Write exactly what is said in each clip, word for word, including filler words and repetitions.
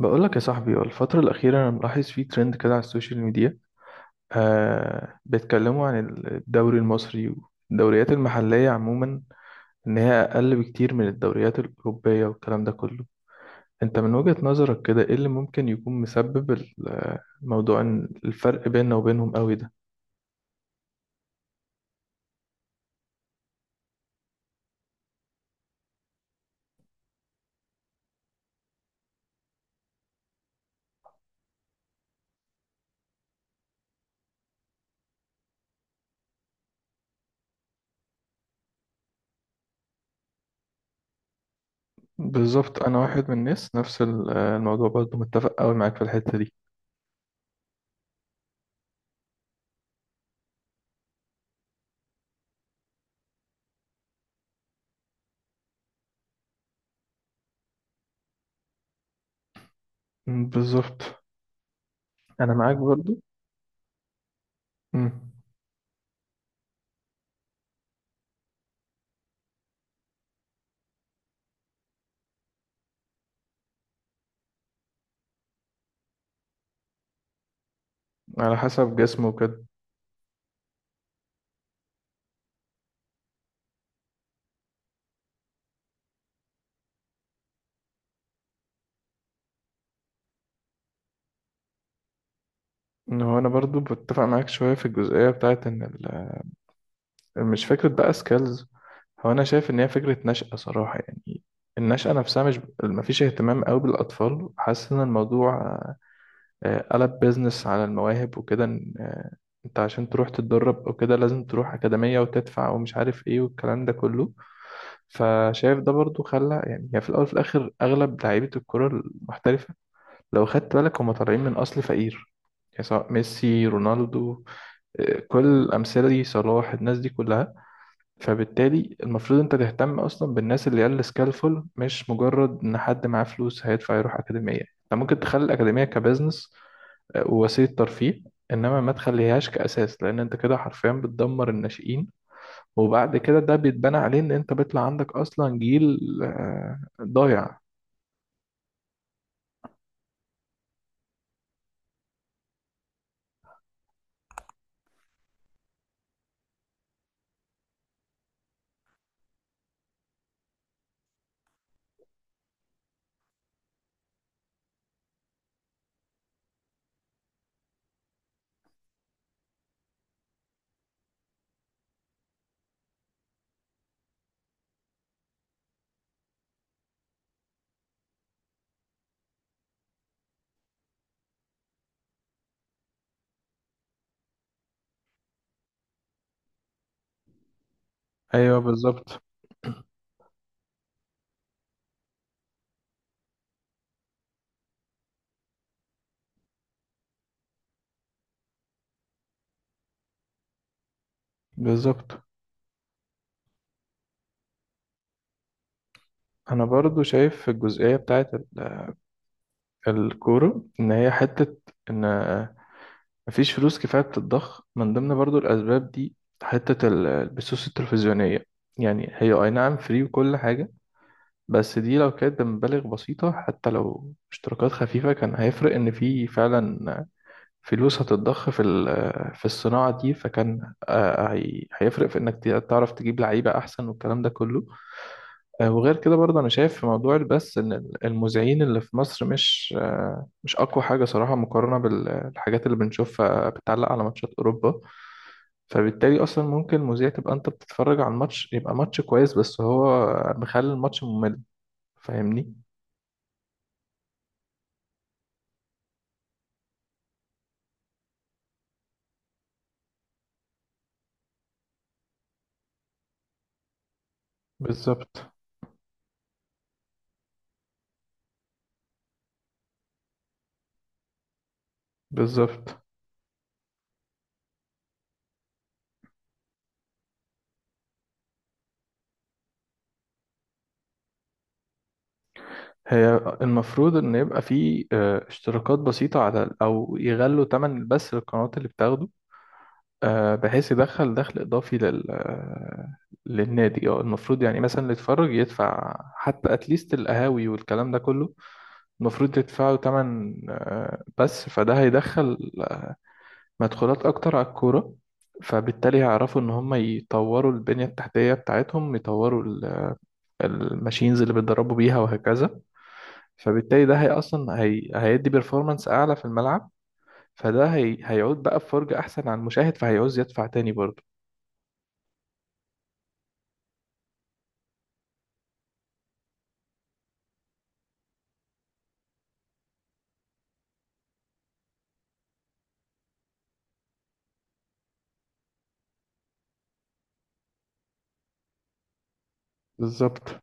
بقولك يا صاحبي، الفترة الأخيرة أنا ملاحظ فيه ترند كده على السوشيال ميديا. آه بيتكلموا عن الدوري المصري والدوريات المحلية عموما، إن هي أقل بكتير من الدوريات الأوروبية والكلام ده كله. أنت من وجهة نظرك كده إيه اللي ممكن يكون مسبب ال- موضوع إن الفرق بيننا وبينهم قوي ده؟ بالظبط، أنا واحد من الناس نفس ال- الموضوع، برضه متفق قوي معاك في الحتة دي. مم، بالظبط، أنا معاك برضه. مم، على حسب جسمه وكده. إن هو انا برضو بتفق معاك شويه في الجزئيه بتاعت ان ال- مش فكره بقى سكيلز. هو انا شايف ان هي فكره نشأة صراحه، يعني النشأة نفسها. مش مفيش اهتمام قوي بالاطفال، حاسس ان الموضوع آه، قلب بيزنس على المواهب وكده. إن، آه، انت عشان تروح تتدرب او كده لازم تروح اكاديميه وتدفع ومش عارف ايه والكلام ده كله. فشايف ده برضو خلى، يعني هي في الاول وفي الاخر اغلب لعيبه الكره المحترفه، لو خدت بالك، هم طالعين من اصل فقير، يعني سواء ميسي، رونالدو، كل الأمثلة دي، صلاح، الناس دي كلها. فبالتالي المفروض أنت تهتم أصلا بالناس اللي قال سكالفول، مش مجرد إن حد معاه فلوس هيدفع يروح أكاديمية. أنت ممكن تخلي الأكاديمية كبزنس آه، ووسيلة ترفيه، إنما ما تخليهاش كأساس، لأن أنت كده حرفيا بتدمر الناشئين. وبعد كده ده بيتبنى عليه إن أنت بيطلع عندك أصلا جيل آه، ضايع. أيوه، بالظبط. بالظبط. أنا برضو شايف في الجزئية بتاعت ال- الكورة إن هي حتة إن مفيش فلوس كفاية بتتضخ من ضمن برضو الأسباب دي. حتة ال- البثوث التلفزيونية، يعني هي أي نعم فري وكل حاجة، بس دي لو كانت بمبالغ بسيطة حتى لو اشتراكات خفيفة كان هيفرق إن في فعلا فلوس هتتضخ في ال- في الصناعة دي. فكان آه، هي- هيفرق في إنك ت- تعرف تجيب لعيبة أحسن والكلام ده كله. آه، وغير كده برضه أنا شايف في موضوع البث إن ال- المذيعين اللي في مصر مش آه، مش أقوى حاجة صراحة مقارنة بالحاجات اللي بنشوفها بتعلق على ماتشات أوروبا. فبالتالي اصلا ممكن المذيع، تبقى انت بتتفرج على الماتش يبقى ماتش كويس، بس هو مخلي الماتش ممل. فاهمني؟ بالظبط. بالظبط، هي المفروض ان يبقى في آه، اشتراكات بسيطة على ال- او يغلوا تمن بس للقنوات اللي بتاخده، آه، بحيث يدخل دخل اضافي لل آه، للنادي. اه، المفروض يعني مثلا اللي يتفرج يدفع، حتى اتليست القهاوي والكلام ده كله المفروض يدفعوا تمن آه، بس. فده هيدخل مدخولات أكتر على الكورة، فبالتالي هيعرفوا إن هم يطوروا البنية التحتية بتاعتهم، يطوروا ال- الماشينز اللي بيتدربوا بيها وهكذا. فبالتالي ده هي أصلا هي... هيدي بيرفورمانس أعلى في الملعب، فده هي... هيعود بقى بفرجة أحسن على المشاهد، فهيعوز يدفع تاني برضه. بالظبط.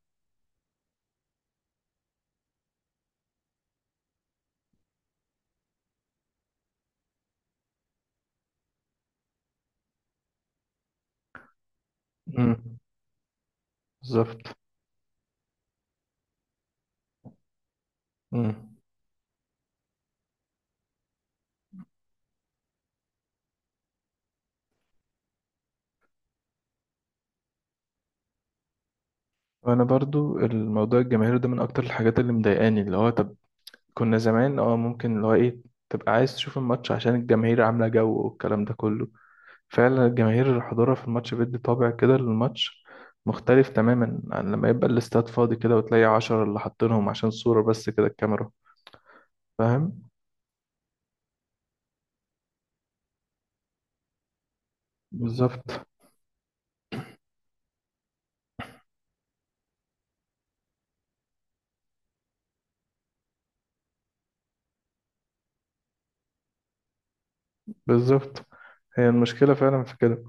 مم. بالظبط. مم. وأنا برضو الموضوع الجماهيري ده من أكتر الحاجات اللي مضايقاني. اللي هو طب كنا زمان اه ممكن اللي هو إيه تبقى عايز تشوف الماتش عشان الجماهير عاملة جو والكلام ده كله. فعلا الجماهير حضورها في الماتش بيدي طابع كده للماتش، مختلف تماما عن لما يبقى الاستاد فاضي كده وتلاقي عشرة اللي حاطينهم عشان صورة بس كده الكاميرا. فاهم؟ بالظبط. بالظبط، هي المشكلة فعلا في كده.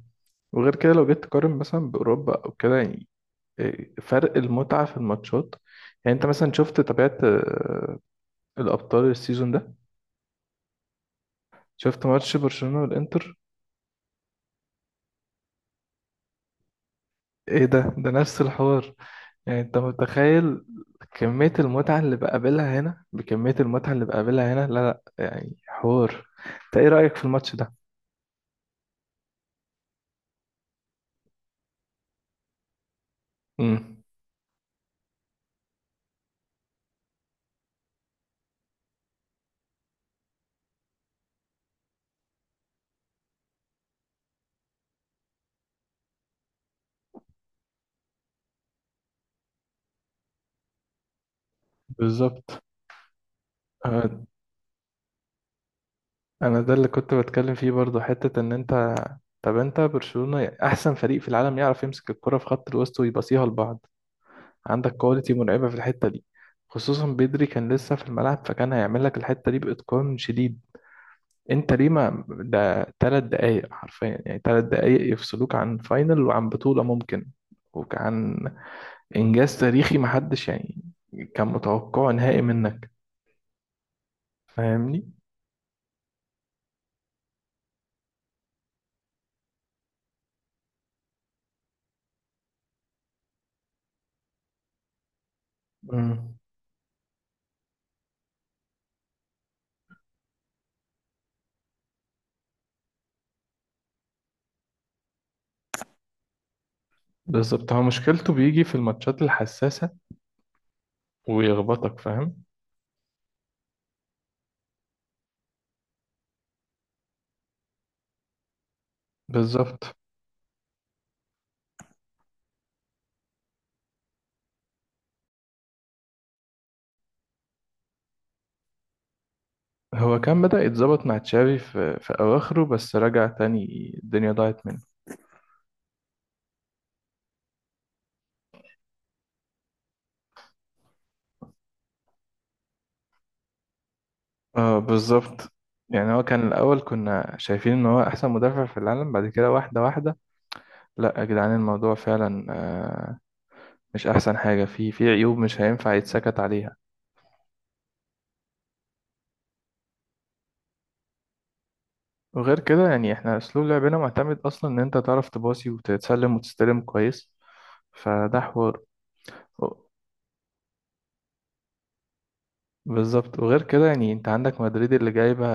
وغير كده لو جيت تقارن مثلا بأوروبا أو كده، يعني إيه فرق المتعة في الماتشات؟ يعني أنت مثلا شفت، تابعت آه، الأبطال السيزون ده؟ شفت ماتش برشلونة والإنتر؟ إيه ده، ده نفس الحوار. يعني انت متخيل كمية المتعة اللي بقابلها هنا بكمية المتعة اللي بقابلها هنا؟ لا لا، يعني حوار. انت ايه رأيك في الماتش ده؟ امم، بالظبط. اه، انا ده اللي كنت بتكلم فيه برضو، حتة ان انت طب انت برشلونة احسن فريق في العالم يعرف يمسك الكرة في خط الوسط ويباصيها لبعض، عندك كواليتي مرعبة في الحتة دي. خصوصا بدري كان لسه في الملعب، فكان هيعمل لك الحتة دي بإتقان شديد. انت ليه ما ده تلات دقايق حرفيا، يعني تلات دقايق يفصلوك عن فاينل وعن بطولة ممكن وعن انجاز تاريخي محدش يعني كان متوقعه، نهائي منك. فاهمني؟ امم، بالظبط. هو مشكلته بيجي في الماتشات الحساسة ويخبطك، فاهم؟ بالظبط. هو كان بدأ يتظبط مع تشافي في, في أواخره، بس رجع تاني الدنيا ضاعت منه. اه، بالظبط. يعني هو كان الأول كنا شايفين إن هو أحسن مدافع في العالم، بعد كده واحدة واحدة، لا يا جدعان، الموضوع فعلا آه، مش احسن حاجه، في في عيوب مش هينفع يتسكت عليها. وغير كده يعني احنا اسلوب لعبنا معتمد اصلا ان انت تعرف تباصي وتتسلم وتستلم كويس، فده حوار. و- بالظبط. وغير كده يعني انت عندك مدريد اللي جايبه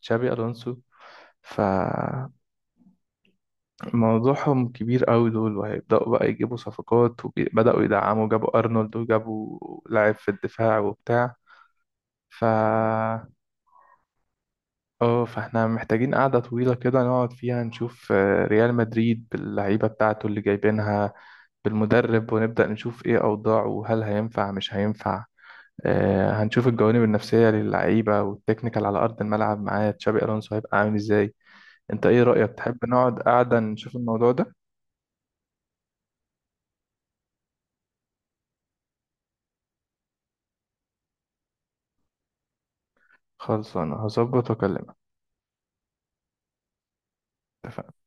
تشابي الونسو، فموضوعهم كبير قوي دول، وهيبداوا بقى يجيبوا صفقات وبداوا يدعموا، جابوا ارنولد وجابوا لاعب في الدفاع وبتاع. ف اه، فاحنا محتاجين قعدة طويلة كده نقعد فيها نشوف آه، ريال مدريد باللعيبة بتاعته اللي جايبينها بالمدرب، ونبدأ نشوف ايه أوضاعه وهل هينفع مش هينفع. آه، هنشوف الجوانب النفسية للعيبة والتكنيكال على أرض الملعب، معاه تشابي ألونسو هيبقى عامل ازاي. انت ايه رأيك، تحب نقعد قعدة نشوف الموضوع ده؟ خلص، انا هظبط واكلمك. اتفقنا.